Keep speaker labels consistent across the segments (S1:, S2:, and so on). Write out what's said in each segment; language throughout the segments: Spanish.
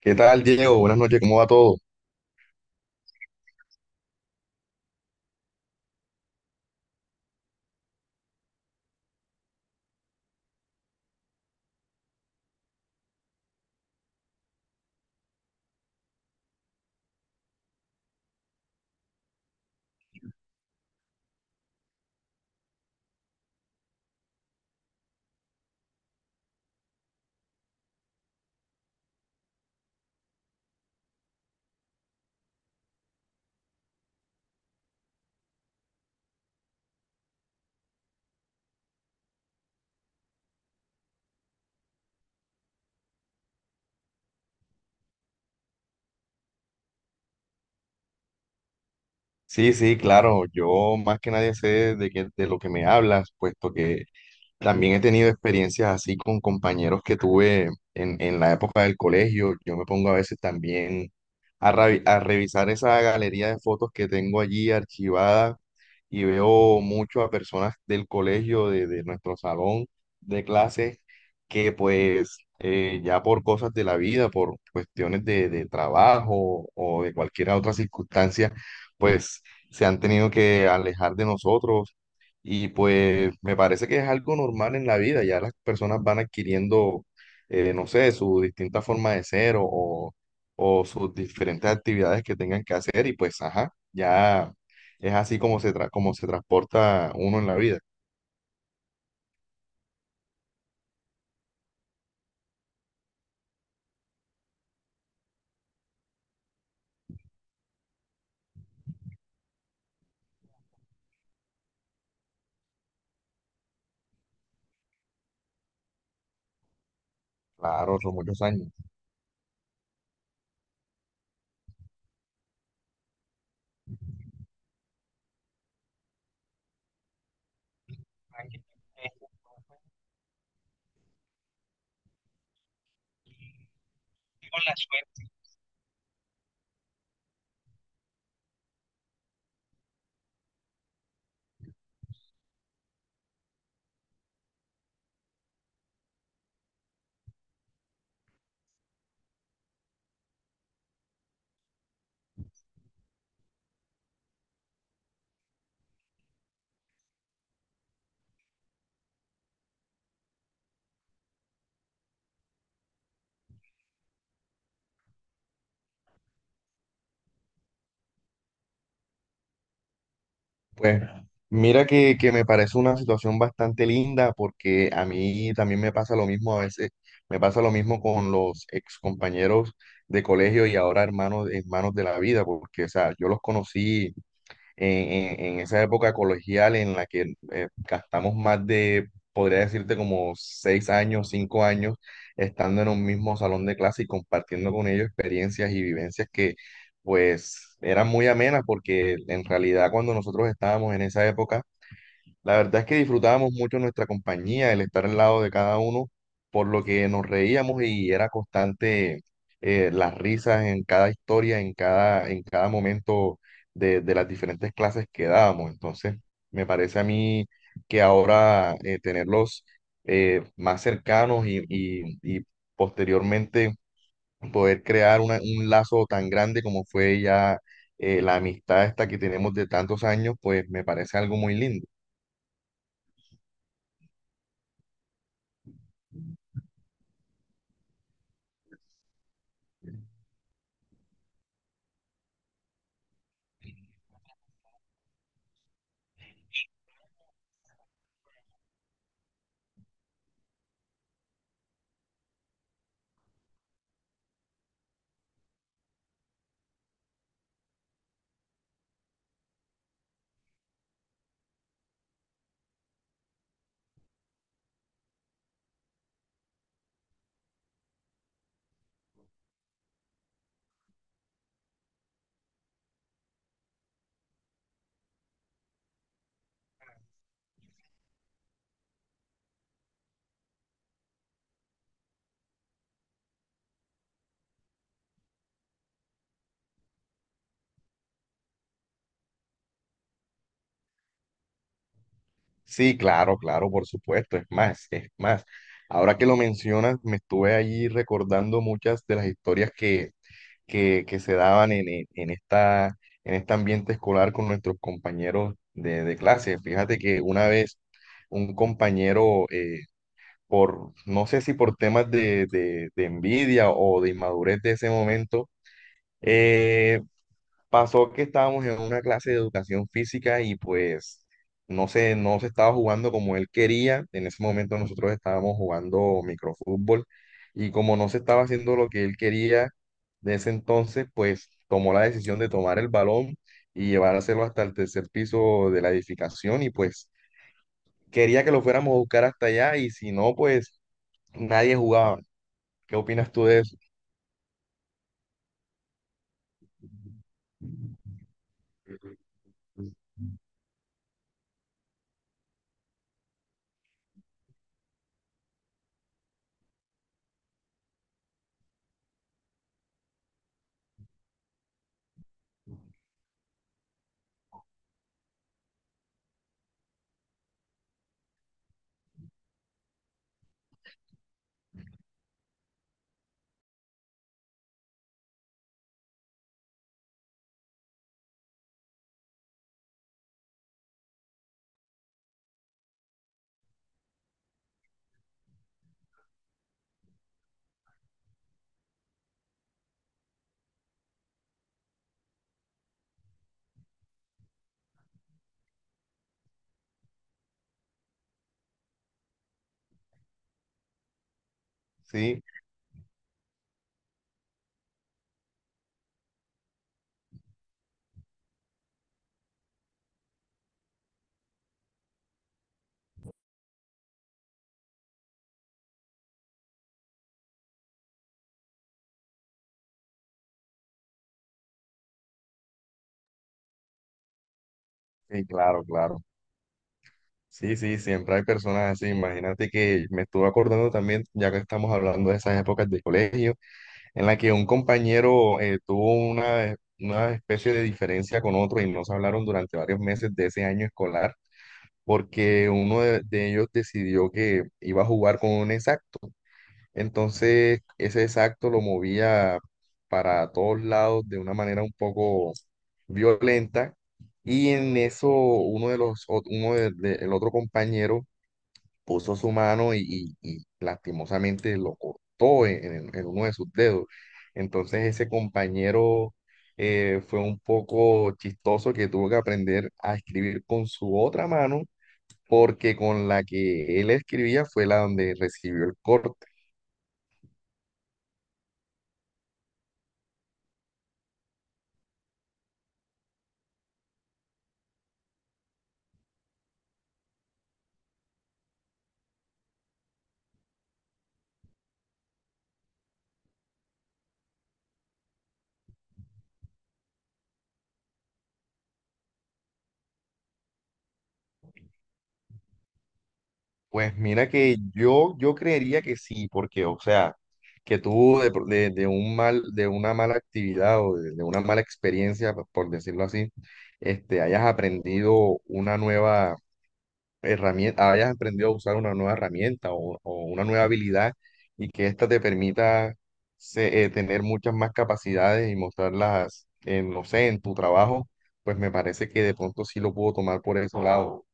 S1: ¿Qué tal, Diego? Buenas noches, ¿cómo va todo? Sí, sí, claro, yo más que nadie sé de lo que me hablas, puesto que también he tenido experiencias así con compañeros que tuve en la época del colegio. Yo me pongo a veces también a revisar esa galería de fotos que tengo allí archivada y veo mucho a personas del colegio, de nuestro salón de clases, que pues ya por cosas de la vida, por cuestiones de trabajo o de cualquier otra circunstancia, pues se han tenido que alejar de nosotros y pues me parece que es algo normal en la vida, ya las personas van adquiriendo, no sé, su distinta forma de ser o sus diferentes actividades que tengan que hacer y pues, ajá, ya es así como como se transporta uno en la vida. Claro, son muchos años. Pues mira que me parece una situación bastante linda porque a mí también me pasa lo mismo a veces, me pasa lo mismo con los ex compañeros de colegio y ahora hermanos, hermanos de la vida, porque o sea, yo los conocí en esa época colegial en la que gastamos más de, podría decirte, como 6 años, 5 años, estando en un mismo salón de clase y compartiendo con ellos experiencias y vivencias que, pues, eran muy amenas, porque en realidad cuando nosotros estábamos en esa época, la verdad es que disfrutábamos mucho nuestra compañía, el estar al lado de cada uno, por lo que nos reíamos y era constante las risas en cada historia, en cada momento de las diferentes clases que dábamos. Entonces, me parece a mí que ahora tenerlos más cercanos y posteriormente poder crear un lazo tan grande como fue ya, la amistad esta que tenemos de tantos años, pues me parece algo muy lindo. Sí, claro, claro, por supuesto. Es más, es más. Ahora que lo mencionas, me estuve allí recordando muchas de las historias que se daban en esta, en este ambiente escolar con nuestros compañeros de clase. Fíjate que una vez un compañero, por, no sé si por temas de envidia o de inmadurez de ese momento, eh, pasó que estábamos en una clase de educación física y pues no se estaba jugando como él quería. En ese momento nosotros estábamos jugando microfútbol y como no se estaba haciendo lo que él quería de ese entonces, pues tomó la decisión de tomar el balón y llevárselo hasta el tercer piso de la edificación y pues quería que lo fuéramos a buscar hasta allá y si no, pues nadie jugaba. ¿Qué opinas tú de eso? Sí, sí, claro, claro. Sí, sí, siempre hay personas así. Imagínate que me estuve acordando también, ya que estamos hablando de esas épocas de colegio, en la que un compañero tuvo una especie de diferencia con otro y no se hablaron durante varios meses de ese año escolar, porque uno de ellos decidió que iba a jugar con un exacto. Entonces, ese exacto lo movía para todos lados de una manera un poco violenta. Y en eso, uno de los, ot- uno de- el otro compañero puso su mano y lastimosamente lo cortó en uno de sus dedos. Entonces ese compañero fue un poco chistoso que tuvo que aprender a escribir con su otra mano porque con la que él escribía fue la donde recibió el corte. Pues mira que yo creería que sí, porque o sea, que tuvo de un mal, de una mala actividad o de una mala experiencia, por decirlo así, este, hayas aprendido una nueva herramienta, hayas aprendido a usar una nueva herramienta o una nueva habilidad y que ésta te permita tener muchas más capacidades y mostrarlas, en, no sé, en tu trabajo, pues me parece que de pronto sí lo puedo tomar por ese lado.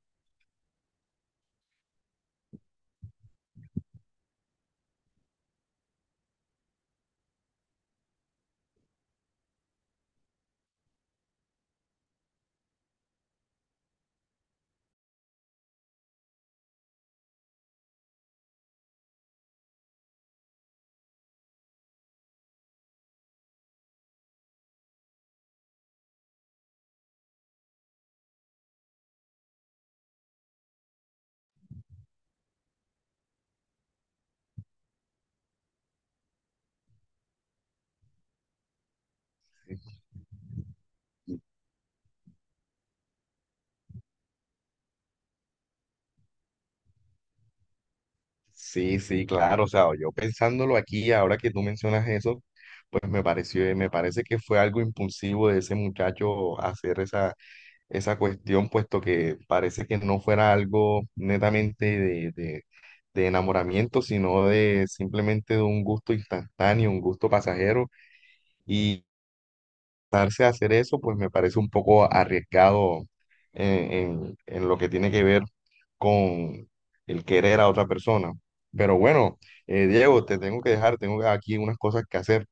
S1: Sí, sí, claro, o sea, yo pensándolo aquí, ahora que tú mencionas eso, pues me parece que fue algo impulsivo de ese muchacho hacer esa cuestión, puesto que parece que no fuera algo netamente de enamoramiento, sino de simplemente de un gusto instantáneo, un gusto pasajero, y darse a hacer eso, pues me parece un poco arriesgado en lo que tiene que ver con el querer a otra persona. Pero bueno, Diego, te tengo que dejar, tengo aquí unas cosas que hacer.